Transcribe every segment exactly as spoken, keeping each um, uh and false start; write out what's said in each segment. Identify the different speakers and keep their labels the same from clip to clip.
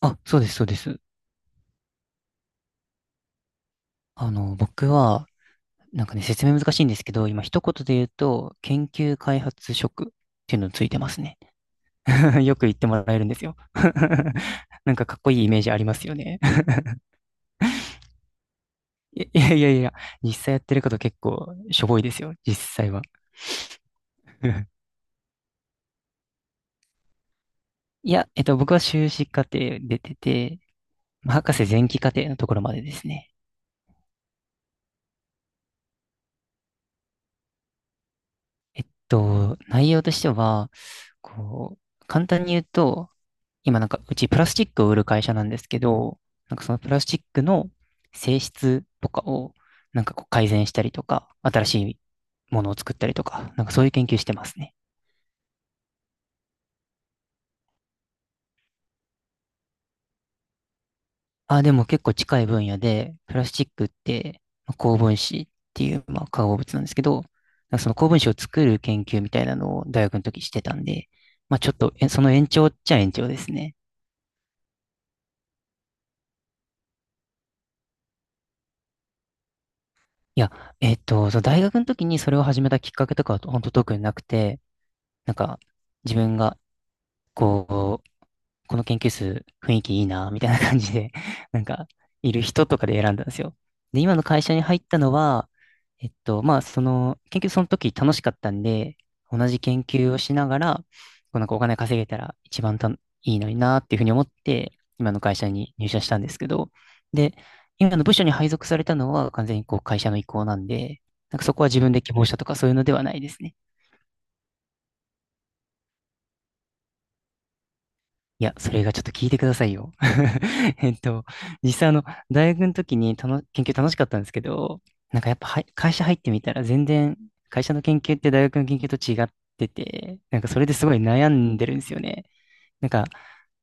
Speaker 1: あ、そうです、そうです。あの、僕は、なんかね、説明難しいんですけど、今一言で言うと、研究開発職っていうのついてますね。よく言ってもらえるんですよ。なんかかっこいいイメージありますよね。いやいやいや、実際やってること結構しょぼいですよ、実際は。いや、えっと、僕は修士課程出てて、まあ博士前期課程のところまでですね。えっと、内容としては、こう、簡単に言うと、今なんかうちプラスチックを売る会社なんですけど、なんかそのプラスチックの性質とかをなんかこう改善したりとか、新しいものを作ったりとか、なんかそういう研究してますね。あ、でも結構近い分野で、プラスチックって、まあ高分子っていう、まあ、化合物なんですけど、なんかその高分子を作る研究みたいなのを大学の時してたんで、まあちょっとえその延長っちゃ延長ですね。いや、えっと、その大学の時にそれを始めたきっかけとかは本当特になくて、なんか自分がこう、この研究室雰囲気いいな、みたいな感じで、なんか、いる人とかで選んだんですよ。で、今の会社に入ったのは、えっと、まあ、その、研究その時楽しかったんで、同じ研究をしながら、こうなんかお金稼げたら一番たいいのになっていうふうに思って、今の会社に入社したんですけど、で、今の部署に配属されたのは完全にこう会社の意向なんで、なんかそこは自分で希望したとかそういうのではないですね。いや、それがちょっと聞いてくださいよ。えっと、実際あの、大学の時にたの研究楽しかったんですけど、なんかやっぱはい会社入ってみたら全然、会社の研究って大学の研究と違ってて、なんかそれですごい悩んでるんですよね。なんか、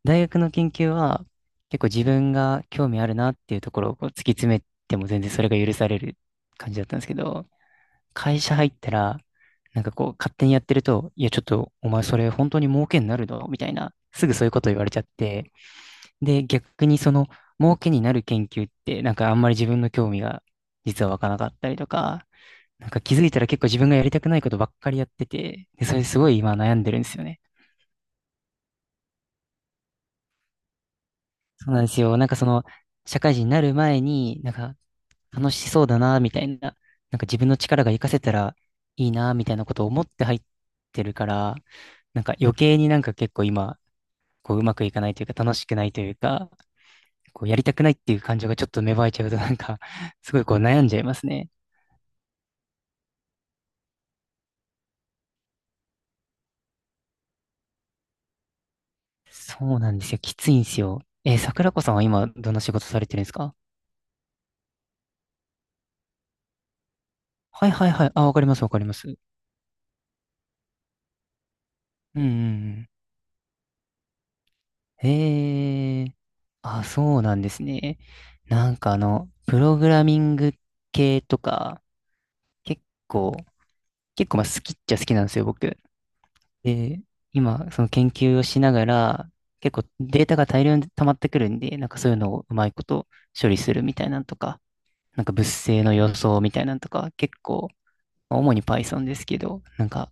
Speaker 1: 大学の研究は結構自分が興味あるなっていうところをこう突き詰めても全然それが許される感じだったんですけど、会社入ったら、なんかこう、勝手にやってると、いや、ちょっと、お前それ本当に儲けになるのみたいな、すぐそういうこと言われちゃって、で、逆にその、儲けになる研究って、なんかあんまり自分の興味が実は湧かなかったりとか、なんか気づいたら結構自分がやりたくないことばっかりやってて、で、それすごい今悩んでるんですよね。そうなんですよ。なんかその、社会人になる前に、なんか楽しそうだな、みたいな、なんか自分の力が活かせたらいいな、みたいなことを思って入ってるから、なんか余計になんか結構今、こううまくいかないというか楽しくないというか、こうやりたくないっていう感情がちょっと芽生えちゃうとなんか、すごいこう悩んじゃいますね。そうなんですよ。きついんですよ。えー桜子さんは今どんな仕事されてるんですか？はいはいはい。あ、わかります、わかります。うんうんうん。へえ、あ、そうなんですね。なんかあの、プログラミング系とか、結構、結構まあ好きっちゃ好きなんですよ、僕。で、今、その研究をしながら、結構データが大量に溜まってくるんで、なんかそういうのをうまいこと処理するみたいなんとか、なんか物性の予想みたいなんとか、結構、まあ主に Python ですけど、なんか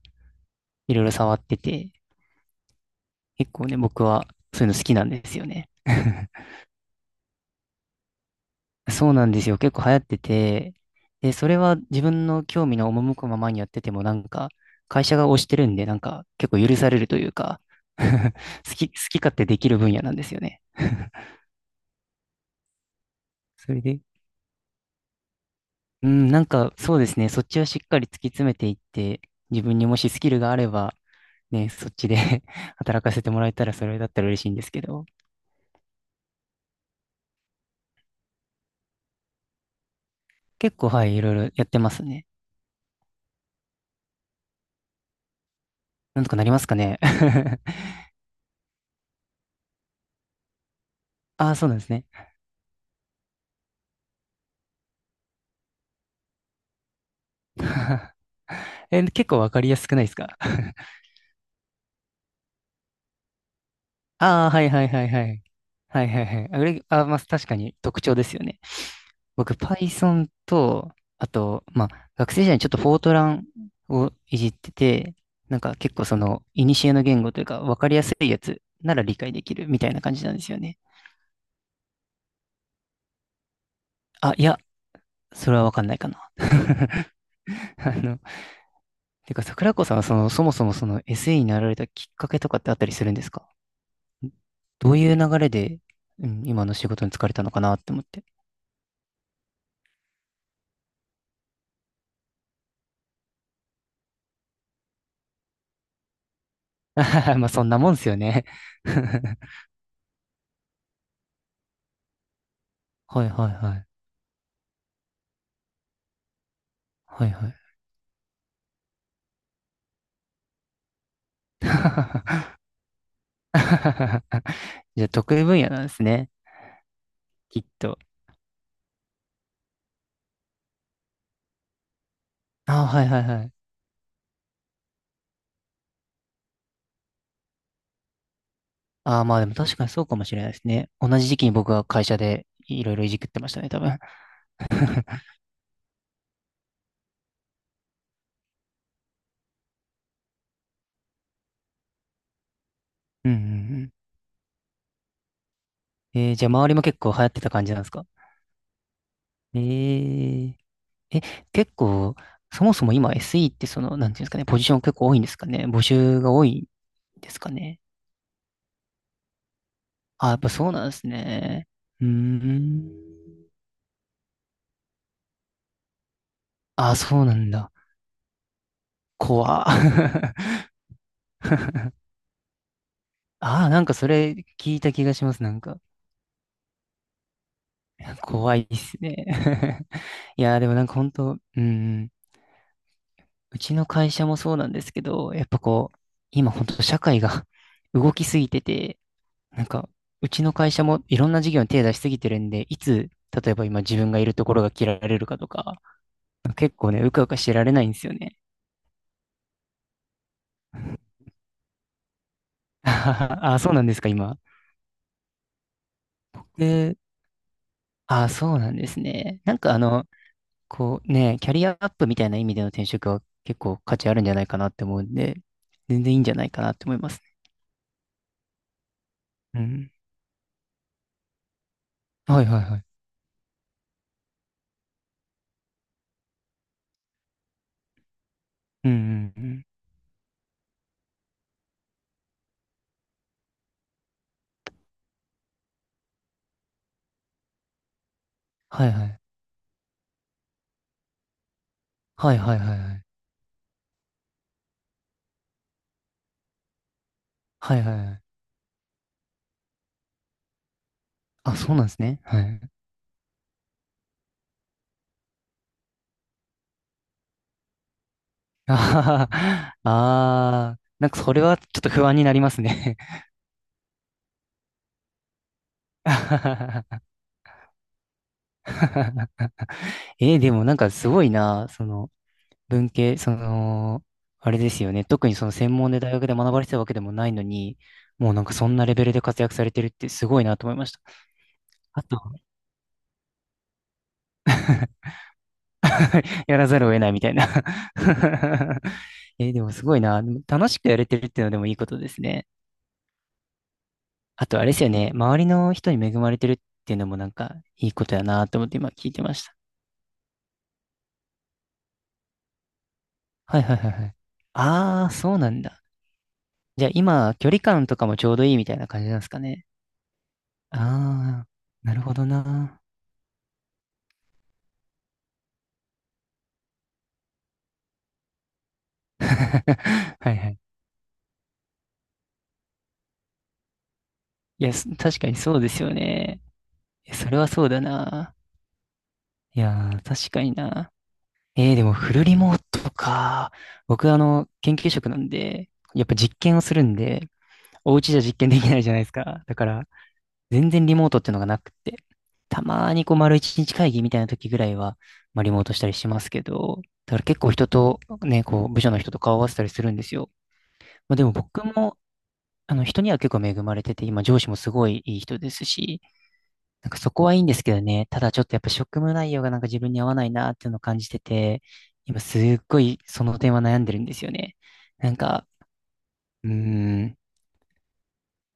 Speaker 1: いろいろ触ってて、結構ね、僕はそういうの好きなんですよね。そうなんですよ。結構流行ってて、で、それは自分の興味の赴くままにやってても、なんか、会社が推してるんで、なんか、結構許されるというか 好き、好き勝手できる分野なんですよね。それで、うん、なんか、そうですね。そっちはしっかり突き詰めていって、自分にもしスキルがあれば、ね、そっちで 働かせてもらえたら、それだったら嬉しいんですけど、結構、はい、いろいろやってますね。なんとかなりますかね。ああ、そうなんですね。え、結構わかりやすくないですか？ああ、はいはいはいはい。はいはいはい。あ、れあ、まあ、確かに特徴ですよね。僕、Python と、あと、まあ、学生時代にちょっとフォートランをいじってて、なんか結構その、古の言語というか、わかりやすいやつなら理解できるみたいな感じなんですよね。あ、いや、それはわかんないかな。あの、てか、桜子さんはその、そもそもその エスイー になられたきっかけとかってあったりするんですか？どういう流れで、うん、今の仕事に就かれたのかなって思って。まあ、そんなもんですよね。はいはいはい。はいはい。じゃあ、得意分野なんですね。きっと。ああ、はいはいはい。ああ、まあでも確かにそうかもしれないですね。同じ時期に僕は会社でいろいろいじくってましたね、多分。うんうんうん。えー、じゃあ、周りも結構流行ってた感じなんですか？えー、え、結構、そもそも今 エスイー ってその、なんていうんですかね、ポジション結構多いんですかね。募集が多いんですかね。ああ、やっぱそうなんですね。うーん。あ、そうなんだ。怖。ああ、なんかそれ聞いた気がします。なんか、怖いっすね。いや、でもなんか本当、うん、うちの会社もそうなんですけど、やっぱこう、今本当社会が 動きすぎてて、なんか、うちの会社もいろんな事業に手出しすぎてるんで、いつ、例えば今自分がいるところが切られるかとか、結構ね、うかうかしてられないんですよね。ああ、そうなんですか、今。で、ああ、そうなんですね。なんかあの、こうね、キャリアアップみたいな意味での転職は結構価値あるんじゃないかなって思うんで、全然いいんじゃないかなって思いますね。うん。はいはいはい。うんうんうん。はいはい。はいはいはいはい。はいはいはい。あ、そうなんですね。はい。あはははあー、なんかそれはちょっと不安になりますね。えーでもなんかすごいな、その、文系、その、あれですよね。特にその専門で大学で学ばれてたわけでもないのに、もうなんかそんなレベルで活躍されてるってすごいなと思いました。あと、やらざるを得ないみたいな え、でもすごいな。でも楽しくやれてるっていうのでもいいことですね。あとあれですよね。周りの人に恵まれてるっていうのもなんかいいことやなと思って今聞いてました。はいはいはいはい。ああ、そうなんだ。じゃあ今、距離感とかもちょうどいいみたいな感じなんですかね。ああ、なるほどな。はいはい。いや、そ確かにそうですよね。いやそれはそうだな。いやー、確かにな。えー、でもフルリモートか。僕、あの、研究職なんで、やっぱ実験をするんで、お家じゃ実験できないじゃないですか。だから、全然リモートっていうのがなくって。たまにこう、丸一日会議みたいな時ぐらいは、まあ、リモートしたりしますけど、だから結構人と、ね、こう、部署の人と顔を合わせたりするんですよ。まあ、でも僕も、あの、人には結構恵まれてて、今、上司もすごいいい人ですし、なんかそこはいいんですけどね。ただちょっとやっぱ職務内容がなんか自分に合わないなっていうのを感じてて、今すっごいその点は悩んでるんですよね。なんか、うーん、